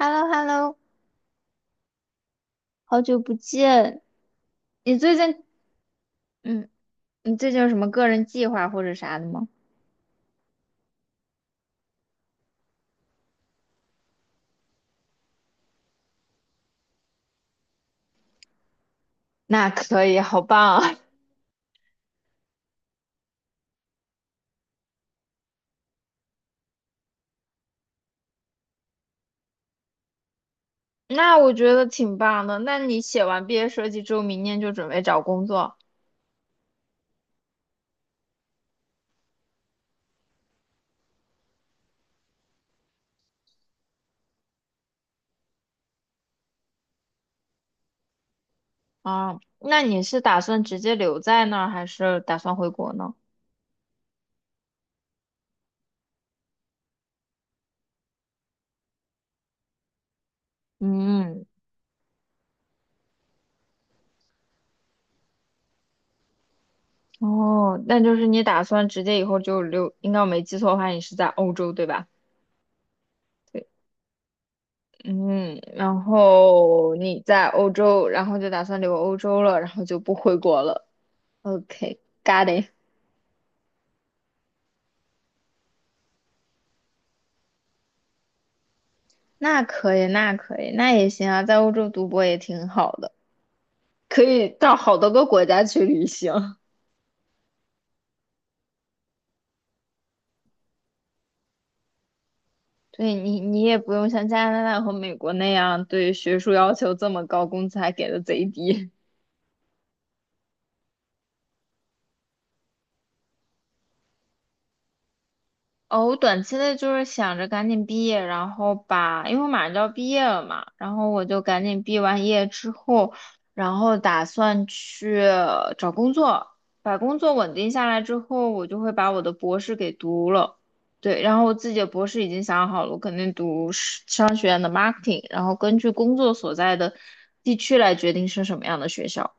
h e l l o h e l l o 好久不见。你最近，嗯，你最近有什么个人计划或者啥的吗？那可以，好棒啊！那我觉得挺棒的。那你写完毕业设计之后，明年就准备找工作啊？那你是打算直接留在那儿，还是打算回国呢？嗯，哦，那就是你打算直接以后就留，应该我没记错的话，你是在欧洲对吧？对，嗯，然后你在欧洲，然后就打算留欧洲了，然后就不回国了。OK，got it，那可以，那可以，那也行啊，在欧洲读博也挺好的，可以到好多个国家去旅行。对你，你也不用像加拿大和美国那样对学术要求这么高，工资还给的贼低。哦，我短期内就是想着赶紧毕业，然后因为我马上就要毕业了嘛，然后我就赶紧毕完业之后，然后打算去找工作，把工作稳定下来之后，我就会把我的博士给读了。对，然后我自己的博士已经想好了，我肯定读是商学院的 marketing，然后根据工作所在的地区来决定是什么样的学校。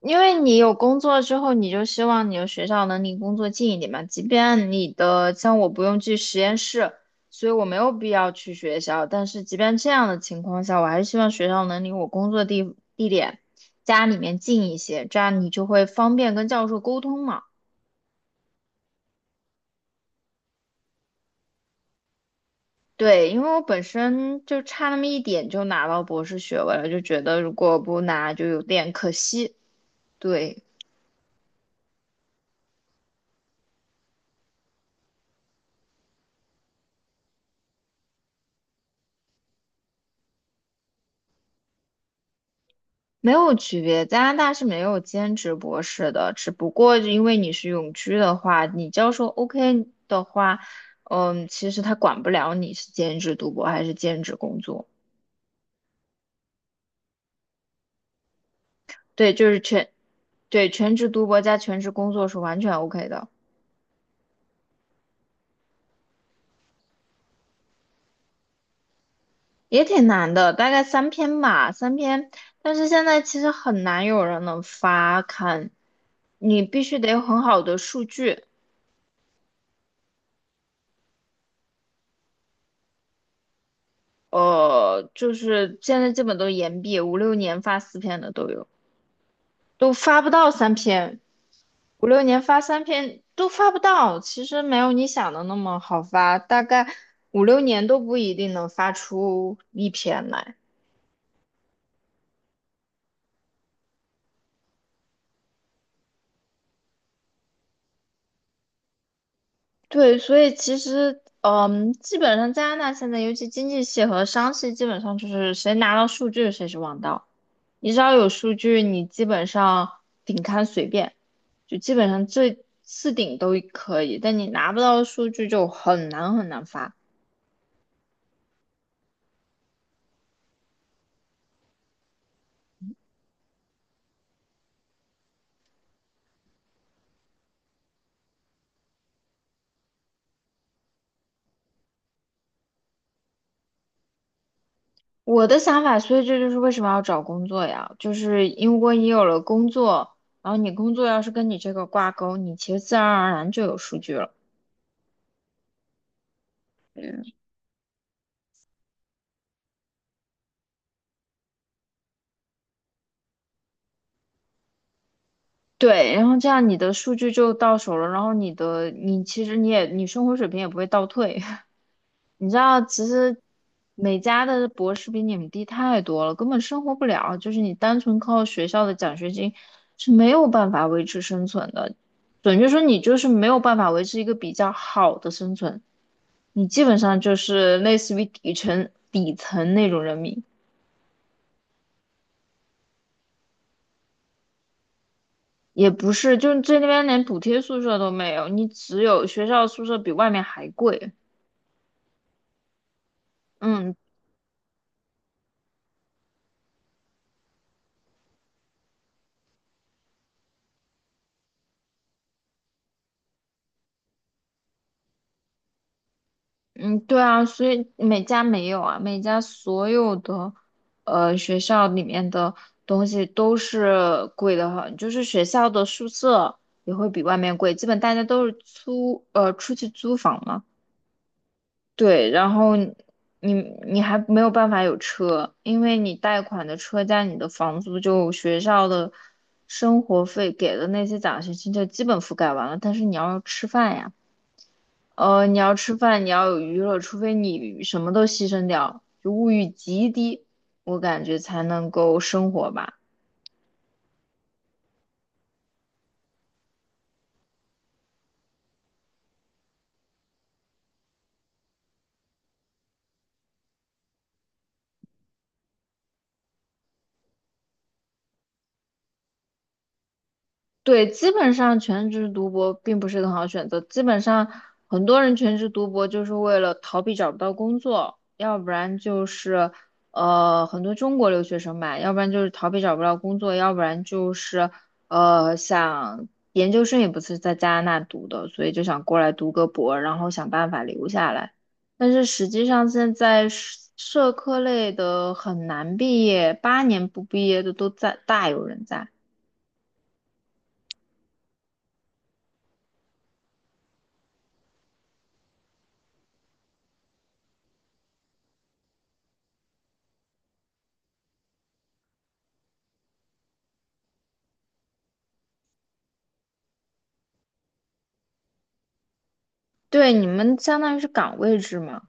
因为你有工作之后，你就希望你的学校能离工作近一点嘛。即便像我不用去实验室，所以我没有必要去学校。但是即便这样的情况下，我还是希望学校能离我工作地地点家里面近一些，这样你就会方便跟教授沟通嘛。对，因为我本身就差那么一点就拿到博士学位了，就觉得如果不拿就有点可惜。对。没有区别，加拿大是没有兼职博士的，只不过因为你是永居的话，你教授 OK 的话，嗯，其实他管不了你是兼职读博还是兼职工作。对，就是全，对，全职读博加全职工作是完全 OK 的，也挺难的，大概三篇吧，三篇。但是现在其实很难有人能发刊，你必须得有很好的数据，就是现在基本都是延毕，五六年发4篇的都有。都发不到三篇，五六年发三篇都发不到。其实没有你想的那么好发，大概五六年都不一定能发出一篇来。对，所以其实，嗯，基本上加拿大现在，尤其经济系和商系，基本上就是谁拿到数据谁是王道。你只要有数据，你基本上顶刊随便，就基本上这次顶都可以。但你拿不到数据就很难很难发。我的想法，所以这就是为什么要找工作呀，就是因为你有了工作，然后你工作要是跟你这个挂钩，你其实自然而然就有数据了。嗯，对，然后这样你的数据就到手了，然后你的你其实你也你生活水平也不会倒退。你知道，其实美加的博士比你们低太多了，根本生活不了，就是你单纯靠学校的奖学金是没有办法维持生存的。准确说，你就是没有办法维持一个比较好的生存。你基本上就是类似于底层那种人民，也不是，就这边连补贴宿舍都没有，你只有学校宿舍比外面还贵。嗯嗯，对啊，所以每家没有啊，每家所有的学校里面的东西都是贵的很，就是学校的宿舍也会比外面贵，基本大家都是租出去租房嘛。对，然后你你还没有办法有车，因为你贷款的车加你的房租，就学校的生活费给的那些奖学金就基本覆盖完了。但是你要吃饭呀，呃，你要吃饭，你要有娱乐，除非你什么都牺牲掉，就物欲极低，我感觉才能够生活吧。对，基本上全职读博并不是很好选择。基本上很多人全职读博就是为了逃避找不到工作，要不然就是很多中国留学生吧，要不然就是逃避找不到工作，要不然就是想研究生也不是在加拿大读的，所以就想过来读个博，然后想办法留下来。但是实际上现在社科类的很难毕业，八年不毕业的都在大有人在。对，你们相当于是岗位制嘛，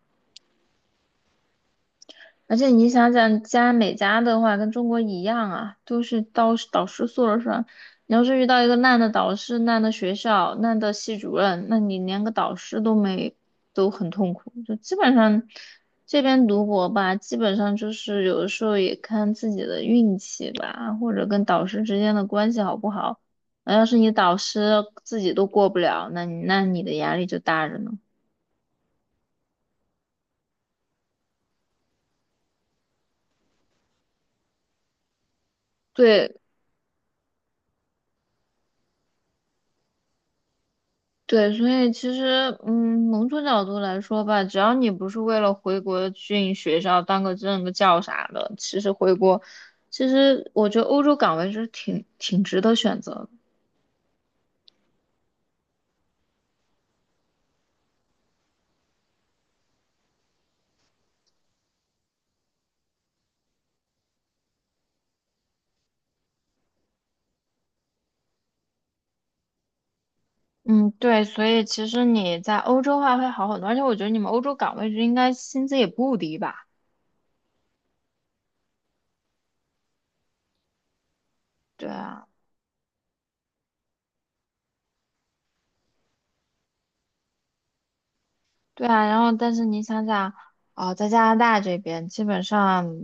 而且你想想，加美的话跟中国一样啊，都是导师说了算。你要是遇到一个烂的导师、烂的学校、烂的系主任，那你连个导师都没，都很痛苦。就基本上这边读博吧，基本上就是有的时候也看自己的运气吧，或者跟导师之间的关系好不好。那要是你导师自己都过不了，那你的压力就大着呢。对，对，所以其实，嗯，某种角度来说吧，只要你不是为了回国进学校当个正个教啥的，其实回国，其实我觉得欧洲岗位是挺值得选择的。嗯，对，所以其实你在欧洲的话会好很多，而且我觉得你们欧洲岗位就应该薪资也不低吧？对啊。对啊，然后但是你想想，哦，在加拿大这边，基本上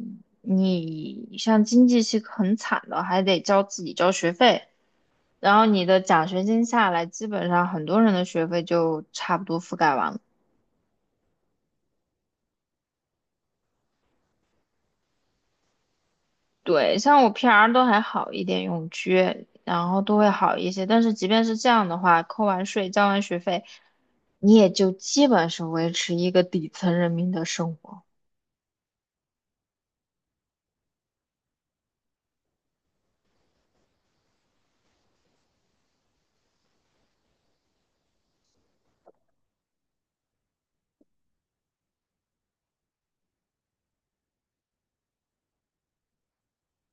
你像经济系很惨的，还得自己交学费，然后你的奖学金下来，基本上很多人的学费就差不多覆盖完了。对，像我 PR 都还好一点，永居，然后都会好一些。但是即便是这样的话，扣完税、交完学费，你也就基本是维持一个底层人民的生活。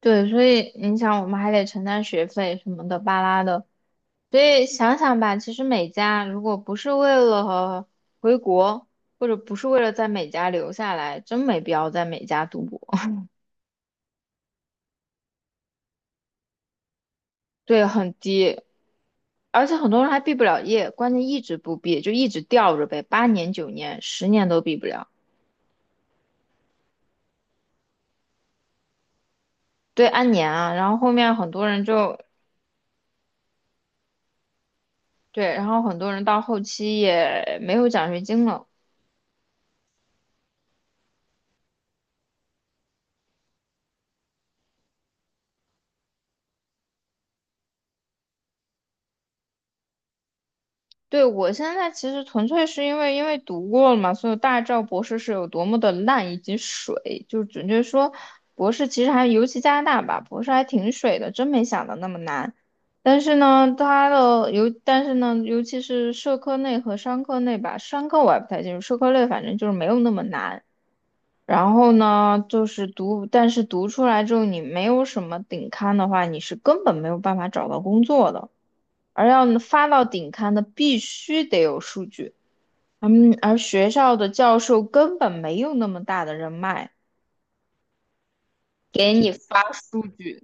对，所以你想，我们还得承担学费什么的巴拉的，所以想想吧，其实美加如果不是为了回国，或者不是为了在美加留下来，真没必要在美加读博。对，很低，而且很多人还毕不了业，关键一直不毕，就一直吊着呗，8年、9年、10年都毕不了。对，按年啊，然后后面很多人就对，然后很多人到后期也没有奖学金了。对，我现在其实纯粹是因为读过了嘛，所以大家知道博士是有多么的烂以及水，就准确说，博士其实还尤其加拿大吧，博士还挺水的，真没想到那么难。但是呢，尤其是社科类和商科类吧，商科我也不太清楚，社科类反正就是没有那么难。然后呢，就是读，但是读出来之后你没有什么顶刊的话，你是根本没有办法找到工作的。而要发到顶刊的必须得有数据，嗯，而学校的教授根本没有那么大的人脉给你发数据。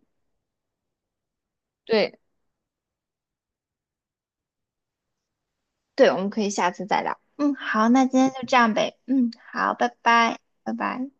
对对，我们可以下次再聊。嗯，好，那今天就这样呗。嗯，好，拜拜，拜拜。